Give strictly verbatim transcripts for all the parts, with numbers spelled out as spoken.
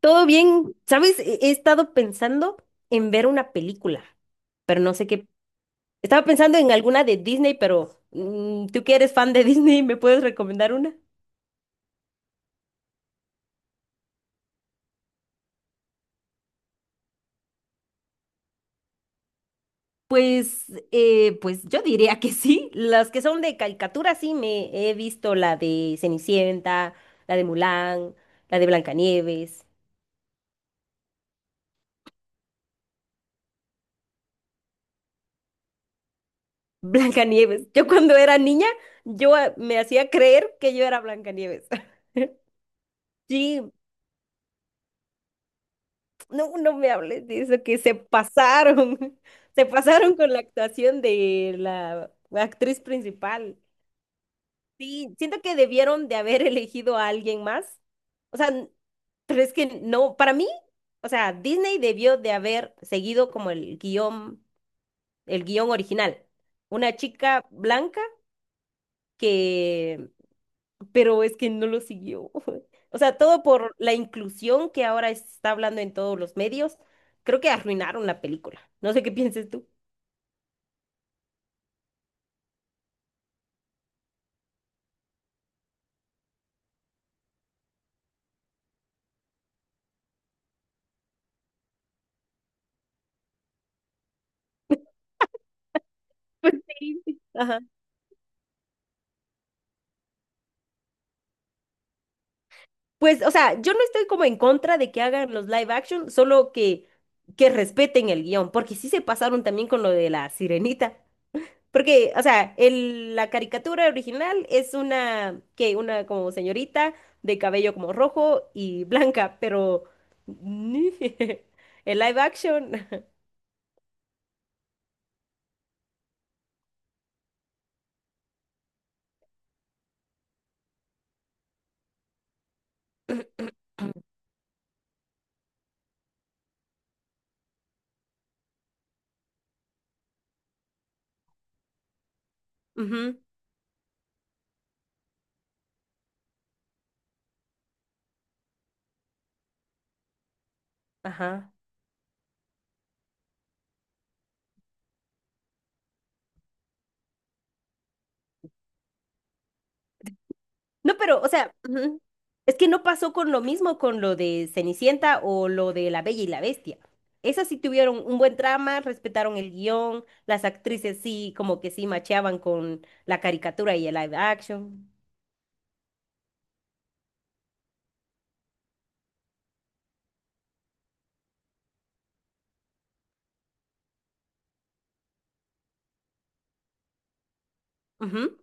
Todo bien, ¿sabes? He he estado pensando en ver una película, pero no sé qué. Estaba pensando en alguna de Disney, pero mm, tú que eres fan de Disney, ¿me puedes recomendar una? Pues, eh, pues yo diría que sí. Las que son de caricatura, sí, me he visto la de Cenicienta, la de Mulan, la de Blancanieves. Blancanieves. Yo cuando era niña, yo eh, me hacía creer que yo era Blancanieves. Sí. No, no me hables de eso, que se pasaron, se pasaron con la actuación de la actriz principal. Sí, siento que debieron de haber elegido a alguien más. O sea, n- pero es que no, para mí, o sea, Disney debió de haber seguido como el guión, el guión original. Una chica blanca que pero es que no lo siguió. O sea, todo por la inclusión que ahora está hablando en todos los medios, creo que arruinaron la película. No sé qué pienses tú. Pues sí. Ajá. Pues, o sea, yo no estoy como en contra de que hagan los live action, solo que, que respeten el guión, porque sí se pasaron también con lo de la sirenita. Porque, o sea, el- la caricatura original es una, que una como señorita de cabello como rojo y blanca, pero el live action. Ujú, ajá. No, pero, o sea, ujú. Es que no pasó con lo mismo con lo de Cenicienta o lo de La Bella y la Bestia. Esas sí tuvieron un buen trama, respetaron el guión, las actrices sí, como que sí macheaban con la caricatura y el live action. Ujú.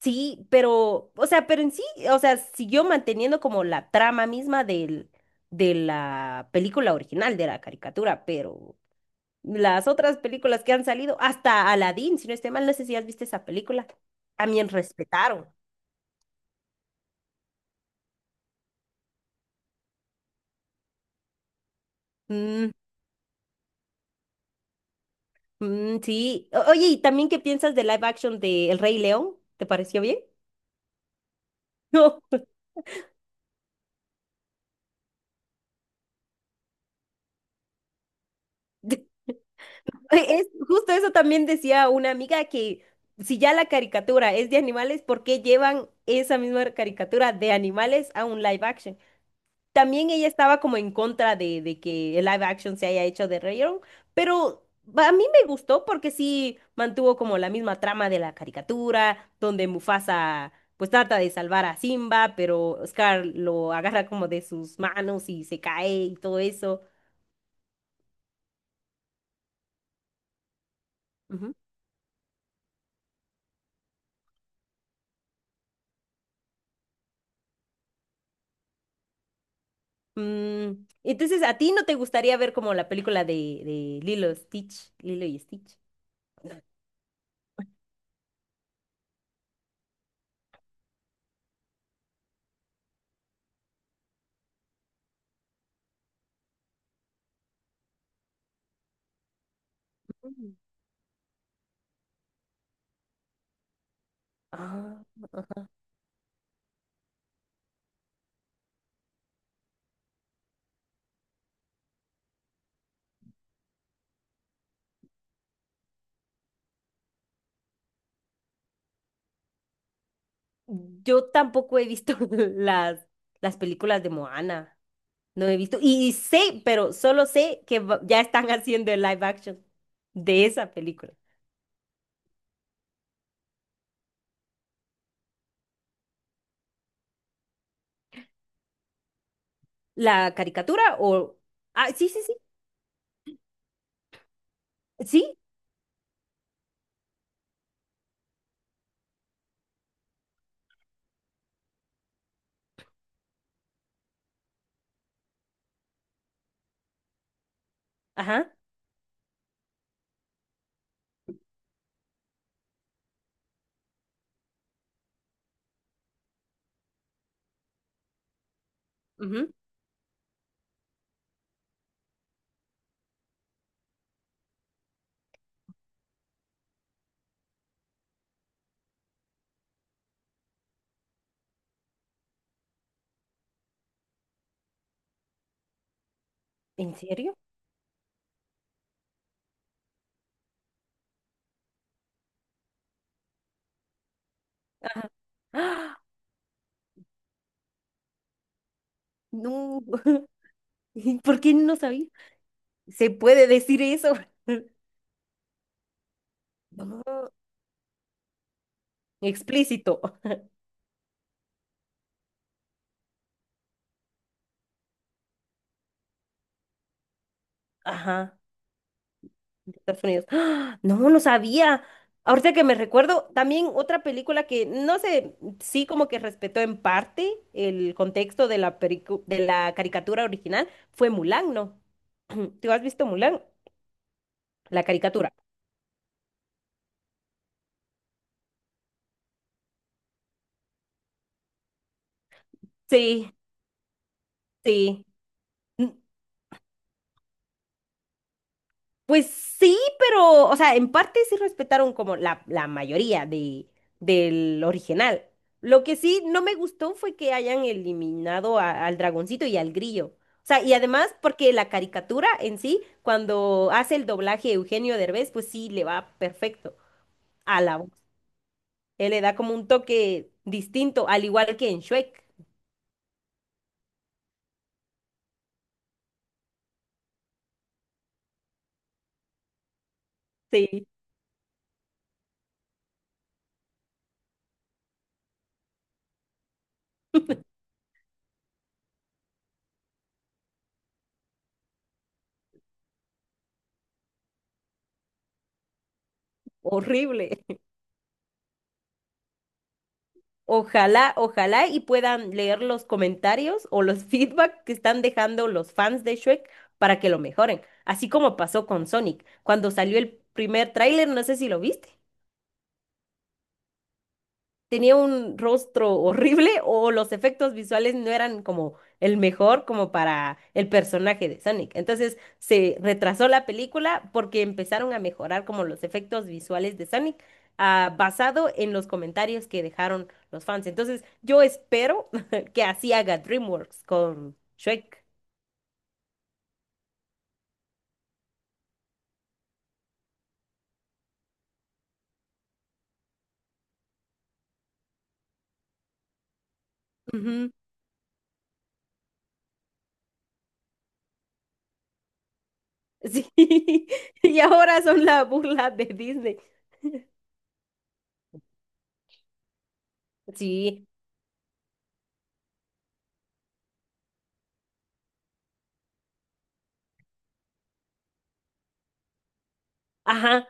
Sí, pero, o sea, pero en sí, o sea, siguió manteniendo como la trama misma del, de la película original, de la caricatura, pero las otras películas que han salido, hasta Aladdin, si no estoy mal, no sé si has visto esa película. También respetaron. Mm, mm, sí. O- Oye, ¿y también qué piensas de live action de El Rey León? ¿Te pareció bien? No. Es, justo eso también decía una amiga que si ya la caricatura es de animales, ¿por qué llevan esa misma caricatura de animales a un live action? También ella estaba como en contra de, de que el live action se haya hecho de rayon, pero a mí me gustó porque sí mantuvo como la misma trama de la caricatura, donde Mufasa pues trata de salvar a Simba, pero Scar lo agarra como de sus manos y se cae y todo eso. Ujú. Mm, entonces, ¿a ti no te gustaría ver como la película de, de Lilo Stitch? Lilo y Stitch. Mm. Ah, yo tampoco he visto las, las películas de Moana. No he visto. Y, y sé, pero solo sé que va- ya están haciendo el live action de esa película. ¿La caricatura o...? Ah, sí, sí, sí. Sí, ajá. Ujú. ¿En serio? ¡Ah! No. ¿Y ¿Por qué no sabía? ¿Se puede decir eso? No. Explícito. Ajá. De Estados Unidos. ¡Ah! No, no sabía. Ahorita que me recuerdo, también otra película que no sé, sí como que respetó en parte el contexto de la, pericu- de la caricatura original fue Mulan, ¿no? ¿Tú has visto Mulan? La caricatura. Sí, sí. Pues sí, pero, o sea, en parte sí respetaron como la, la mayoría de, del original. Lo que sí no me gustó fue que hayan eliminado a- al dragoncito y al grillo. O sea, y además porque la caricatura en sí, cuando hace el doblaje Eugenio Derbez, pues sí le va perfecto a la voz. Él le da como un toque distinto, al igual que en Shrek. Sí, horrible. Ojalá, ojalá y puedan leer los comentarios o los feedback que están dejando los fans de Shrek para que lo mejoren, así como pasó con Sonic, cuando salió el primer tráiler, no sé si lo viste, tenía un rostro horrible o los efectos visuales no eran como el mejor como para el personaje de Sonic. Entonces se retrasó la película porque empezaron a mejorar como los efectos visuales de Sonic, ah, basado en los comentarios que dejaron los fans. Entonces, yo espero que así haga DreamWorks con Shrek. Ujú. Sí, y ahora son la burla de Disney. Sí, ajá,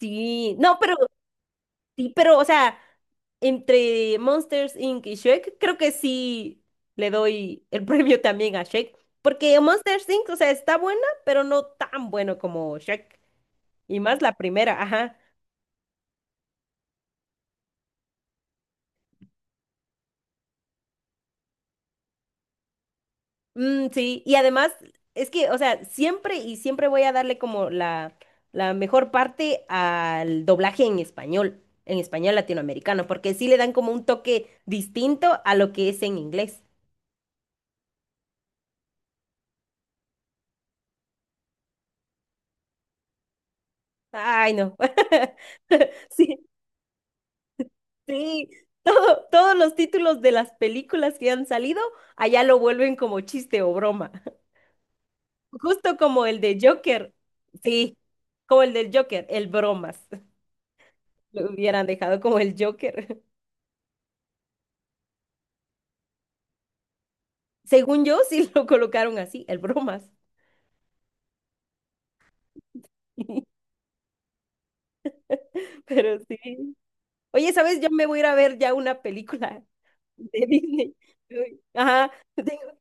sí. No, pero sí, pero, o sea, entre Monsters incorporated y Shrek, creo que sí le doy el premio también a Shrek. Porque Monsters incorporated, o sea, está buena, pero no tan bueno como Shrek. Y más la primera, ajá. Mm, sí, y además, es que, o sea, siempre y siempre voy a darle como la, la mejor parte al doblaje en español, en español latinoamericano, porque sí le dan como un toque distinto a lo que es en inglés. Ay, no. Sí. Sí, todo, todos los títulos de las películas que han salido, allá lo vuelven como chiste o broma. Justo como el de Joker. Sí, como el del Joker, el bromas. Lo hubieran dejado como el Joker. Según yo, sí lo colocaron así, el bromas. Pero sí. Oye, ¿sabes? Yo me voy a ir a ver ya una película de Disney. Uy, ajá, tengo-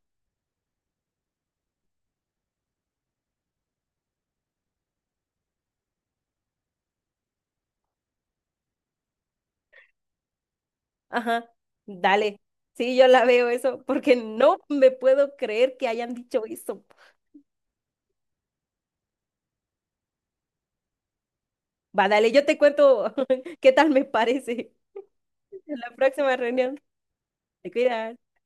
ajá, dale. Sí, yo la veo eso, porque no me puedo creer que hayan dicho eso. Va, dale, yo te cuento qué tal me parece en la próxima reunión. Te cuidas.